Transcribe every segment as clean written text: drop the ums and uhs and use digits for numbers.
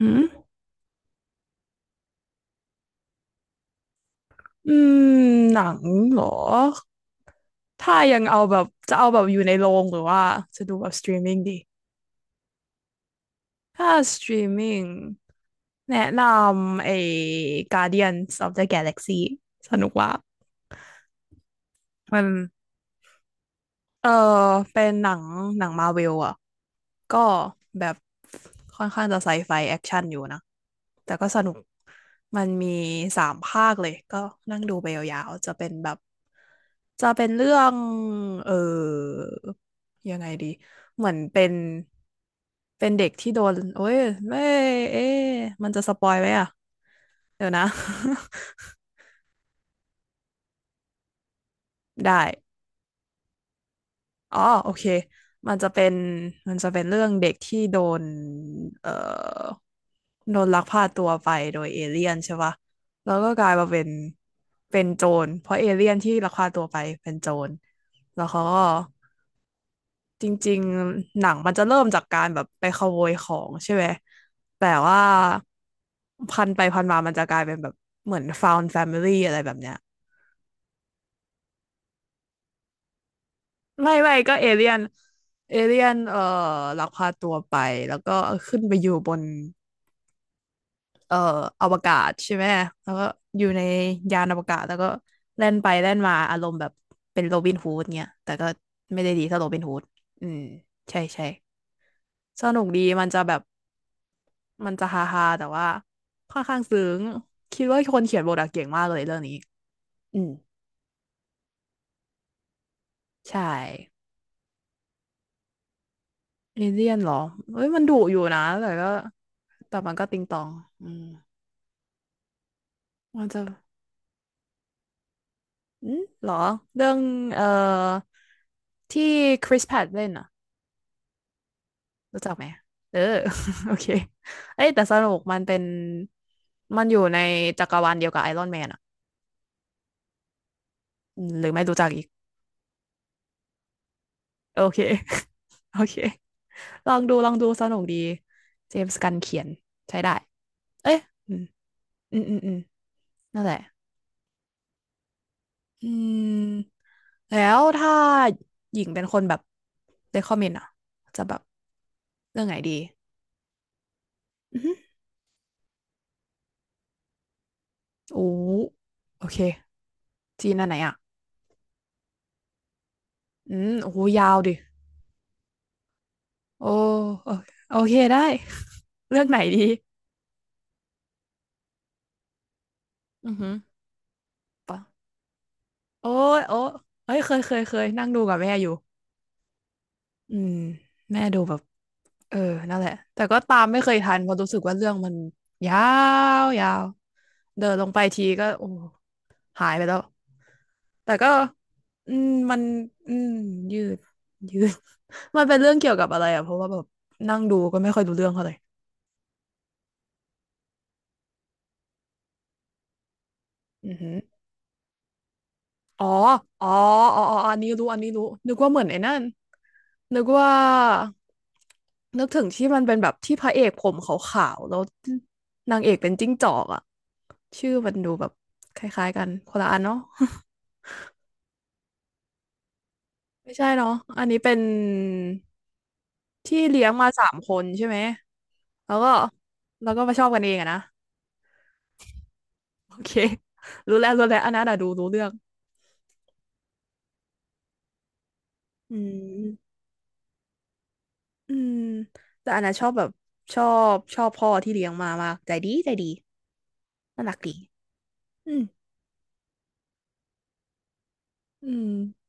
อืมอืมหนังเหรอ ถ้ายังเอาแบบจะเอาแบบอยู่ในโรงหรือว่าจะดูแบบสตรีมมิ่งดี ถ้าสตรีมมิ่งแนะนำไอ้ Guardians of the Galaxy สนุกว่ามันเออเป็นหนังหนังมาเวลอะ ก็แบบค่อนข้างจะไซไฟแอคชั่นอยู่นะแต่ก็สนุกมันมีสามภาคเลยก็นั่งดูไปยาวๆจะเป็นแบบจะเป็นเรื่องเออยังไงดีเหมือนเป็นเป็นเด็กที่โดนโอ้ยไม่เอ๊ะมันจะสปอยไหมอ่ะเดี๋ยวนะ ได้ อ๋อโอเคมันจะเป็นมันจะเป็นเรื่องเด็กที่โดนเอ่อโดนลักพาตัวไปโดยเอเลี่ยนใช่ปะแล้วก็กลายมาเป็นเป็นโจรเพราะเอเลี่ยนที่ลักพาตัวไปเป็นโจรแล้วเขาก็จริงๆหนังมันจะเริ่มจากการแบบไปขโมยของใช่ไหมแต่ว่าพันไปพันมามันจะกลายเป็นแบบเหมือน found family อะไรแบบเนี้ย ไม่ก็เอเลี่ยนเอเลี่ยนลักพาตัวไปแล้วก็ขึ้นไปอยู่บนเอ่ออวกาศใช่ไหมแล้วก็อยู่ในยานอวกาศแล้วก็แล่นไปแล่นมาอารมณ์แบบเป็นโรบินฮูดเนี่ยแต่ก็ไม่ได้ดีเท่าโรบินฮูดอืมใช่ใช่สนุกดีมันจะแบบมันจะฮาฮาแต่ว่าค่อนข้างซึ้งคิดว่าคนเขียนบทอะเก่งมากเลยเรื่องนี้อืมใช่เอเลี่ยนเหรอเอ้ยมันดุอยู่นะแต่ก็แต่มันก็ติงตองอืม มันจะอืมหรอ เรื่อง เอ่อที่คริสแพ t เล่นอ่ะรู้จักไหม เออ โอเคเอ้ยแต่สนุกมันเป็น มันอยู่ในจักรวาลเดียวกับไอรอนแมนอ่ะอืมหรือไม่รู้จักอีก โอเค โอเค ลองดูลองดูสนุกดีเจมส์กันเขียนใช้ได้ เอ้ยอืม อืม อืม อืมนั่นแหละอืม แล้วถ้าหญิงเป็นคนแบบ recommend อ่ะจะแบบ เรื่องไหนดีอือฮึ โอ้โอเคจีนอันไหนอ่ะอืมโอ้โหยาวดิโอ้โอโอเคได้ เลือกไหนดีอือหือปะโอ้ยโอ้เอ้ยเคยเคยเคยนั่งดูกับแม่อยู่อืมแม่ดูแบบเออนั่นแหละแต่ก็ตามไม่เคยทันเพราะรู้สึกว่าเรื่องมันยาวยาวเดินลงไปทีก็โอ้หายไปแล้วแต่ก็ อืมมันอืมยืดยืด มันเป็นเรื่องเกี่ยวกับอะไรอ่ะเพราะว่าแบบนั่งดูก็ไม่ค่อยรู้เรื่องเท่าไหร่อือหือ อ๋ออ๋ออ๋ออันนี้รู้อันนี้รู้นึกว่าเหมือนไอ้นั่นนึกว่านึกถึงที่มันเป็นแบบที่พระเอกผมขาวๆแล้วนางเอกเป็นจิ้งจอกอะชื่อมันดูแบบคล้ายๆกันคนละอันเนาะ ไม่ใช่เนาะอันนี้เป็นที่เลี้ยงมาสามคนใช่ไหมแล้วก็แล้วก็มาชอบกันเองอะนะโอเค รู้แล้วรู้แล้วอันนั้นอะดูรู้เรื่องอืมอืมแต่อันนั้นชอบแบบชอบชอบพ่อที่เลี้ยงมามากใจดีใจดี น่ารักดีอืมอืม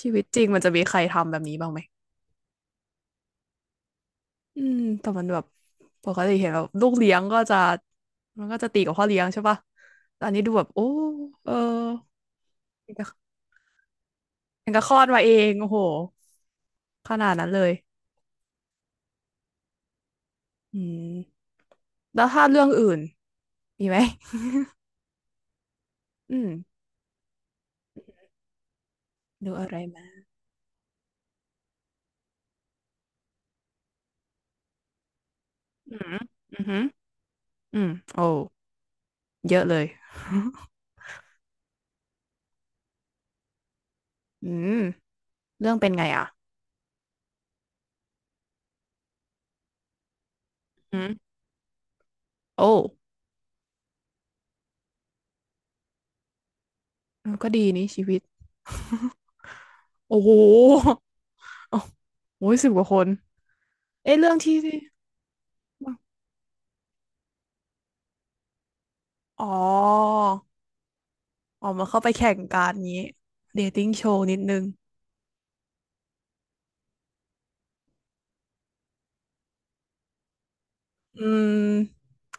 ชีวิตจริงมันจะมีใครทำแบบนี้บ้างไหมอืมแต่มันแบบปกติเห็นแบบลูกเลี้ยงก็จะ มันก็จะตีกับพ่อเลี้ยงใช่ปะแต่อันนี้ดูแบบโอ้เออยังกับยังกับคลอดมาเองโอ้โหขนาดนั้นเลยอืมแล้วถ้าเรื่องอื่น มีไหม อืมดูอะไรมาอืมอือหืออืมโอ้เยอะเลยอืมเรื่องเป็นไงอ่ะอืมโอ้ก็ดีนี่ชีวิตโอ้โห โอ้ยสิบกว่าคน เอ้ยเรื่องที่อ๋ออ๋อมันเข้าไปแข่งการนี้เดทติ้งโชว์นิดนึง อืม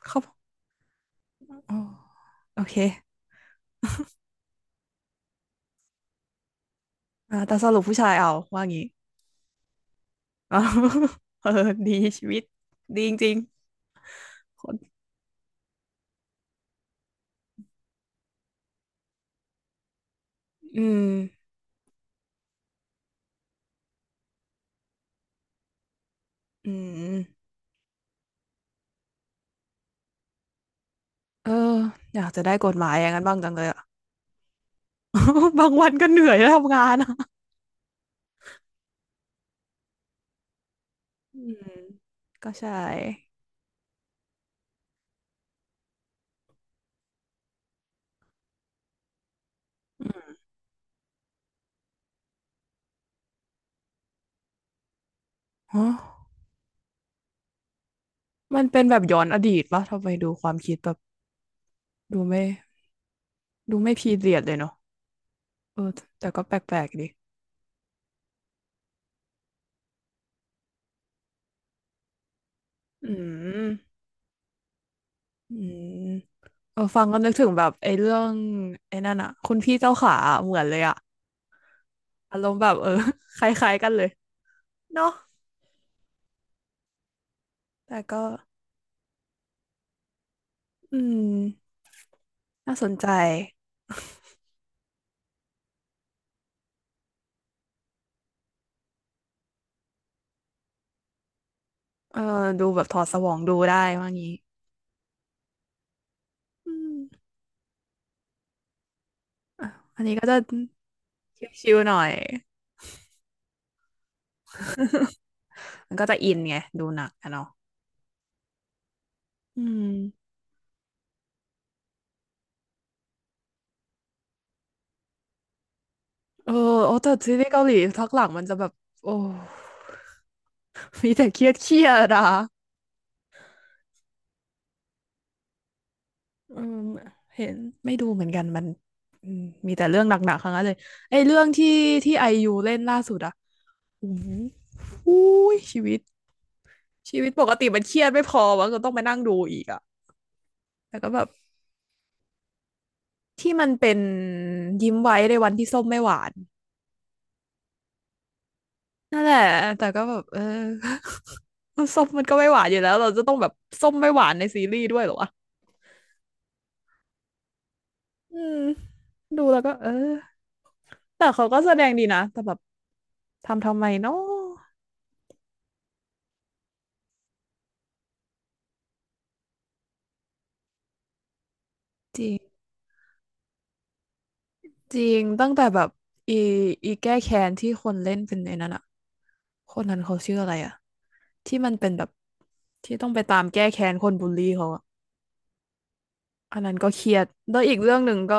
เขาอ๋อโอเคอ่าแต่สรุปผู้ชายเอาว่างี้ อ๋อเออดีชีวิตดีจริงๆคนอืมอืมเอออยากจะได้กฎหมายอย่างนั้นบ้างจังเลยอะ บางวันก็เหนื่อยแล้วทำงานอะอืมก็ใช่อืมฮะมันเป็นแบบย้อนอดีตปะทำไมดูความคิดแบบดูไม่ ดูไม่พีเรียดเลยเนาะเออแต่ก็แปลกๆดีอืมอืมเออฟังก็นึกถึงแบบไอ้เรื่องไอ้นั่นอะคุณพี่เจ้าขาอะเหมือนเลยอะอารมณ์แบบเออ คล้ายๆกันเลยเนาะแต่ก็อืมน่าสนใจเออดูแบบถอดสมองดูได้ว่างี้อืมอ่ะอันนี้ก็จะชิวๆหน่อยมันก็จะอินไงดูหนักอะเนาะอืมเออโอ้แต่ซีรีส์เกาหลีทักหลังมันจะแบบโอ้ มีแต่เครียดเครียดอะ เออเห็นไม่ดูเหมือนกันมันอืมมีแต่เรื่องหนักๆทั้งนั้นเลยไอ้เรื่องที่ไอยูเล่นล่าสุดอะอู้หูอุ้ยชีวิตปกติมันเครียดไม่พอวะก็ต้องไปนั่งดูอีกอะแต่ก็แบบที่มันเป็นยิ้มไว้ในวันที่ส้มไม่หวานนั่นแหละแต่ก็แบบเออ ส้มมันก็ไม่หวานอยู่แล้วเราจะต้องแบบส้มไม่หวานในซีรีส์ด้วยเหรอวะอืมดูแล้วก็เออแต่เขาก็แสดงดีนะแต่แบบทำไมเนาะจริง จริงตั้งแต่แบบอีอีแก้แค้นที่คนเล่นเป็นในนั้นอะคนนั้นเขาชื่ออะไรอะที่มันเป็นแบบที่ต้องไปตามแก้แค้นคนบูลลี่เขาอะอันนั้นก็เครียดแล้วอีกเรื่องหนึ่งก็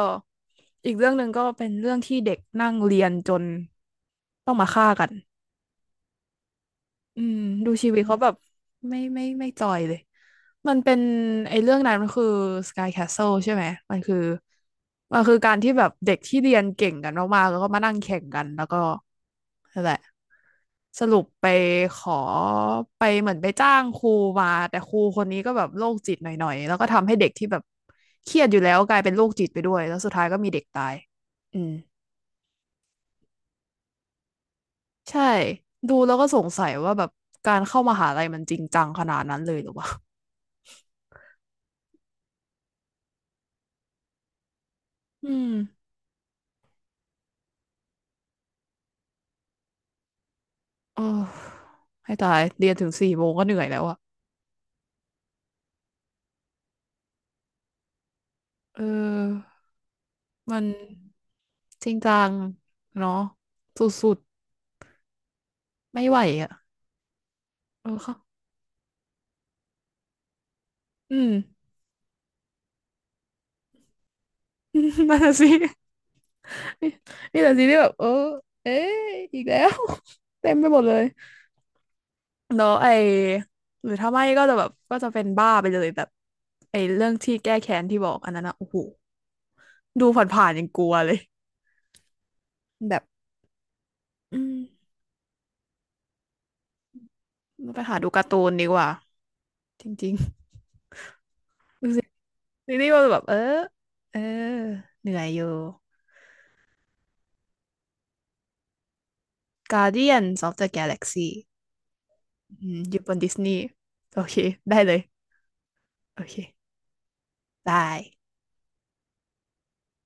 อีกเรื่องหนึ่งก็เป็นเรื่องที่เด็กนั่งเรียนจนต้องมาฆ่ากัน อืมดูชีวิตเขาแบบไม่จอยเลยมันเป็นไอ้เรื่องนั้นมันคือ Sky Castle ใช่ไหมมันคือมันคือการที่แบบเด็กที่เรียนเก่งกันมากๆแล้วก็มานั่งแข่งกันแล้วก็นั่นแหละสรุปไปขอไปเหมือนไปจ้างครูมาแต่ครูคนนี้ก็แบบโรคจิตหน่อยๆแล้วก็ทำให้เด็กที่แบบเครียดอยู่แล้วกลายเป็นโรคจิตไปด้วยแล้วสุดท้ายก็มีเด็กตายอืมใช่ดูแล้วก็สงสัยว่าแบบการเข้ามหาลัยมันจริงจังขนาดนั้นเลยหรือวะ อืมโอ้ให้ตายเรียนถึง4 โมงก็เหนื่อยแล้วอะเออมันจริงจังเนาะสุดๆไม่ไหวอะเออค่ะอืม นั่นน่ะสินี่แหละสิที่แบบเออเอ๊ะอีกแล้ว เต็มไปหมดเลยแล้วไอหรือถ้าไม่ก็จะแบบก็จะเป็นบ้าไปเลยแบบไอเรื่องที่แก้แค้นที่บอกอันนั้นอะโอ้โหดูผ่านๆยังกลัวเลยแบบอืมไปหาดูการ์ตูนดีกว่าจริงๆดู ซีรีส์มันแบบเออเออเหนื่อยอยู่ Guardians of the Galaxy อืมอยู่บนดิสนีย์โอเคได้เลยโอเคได้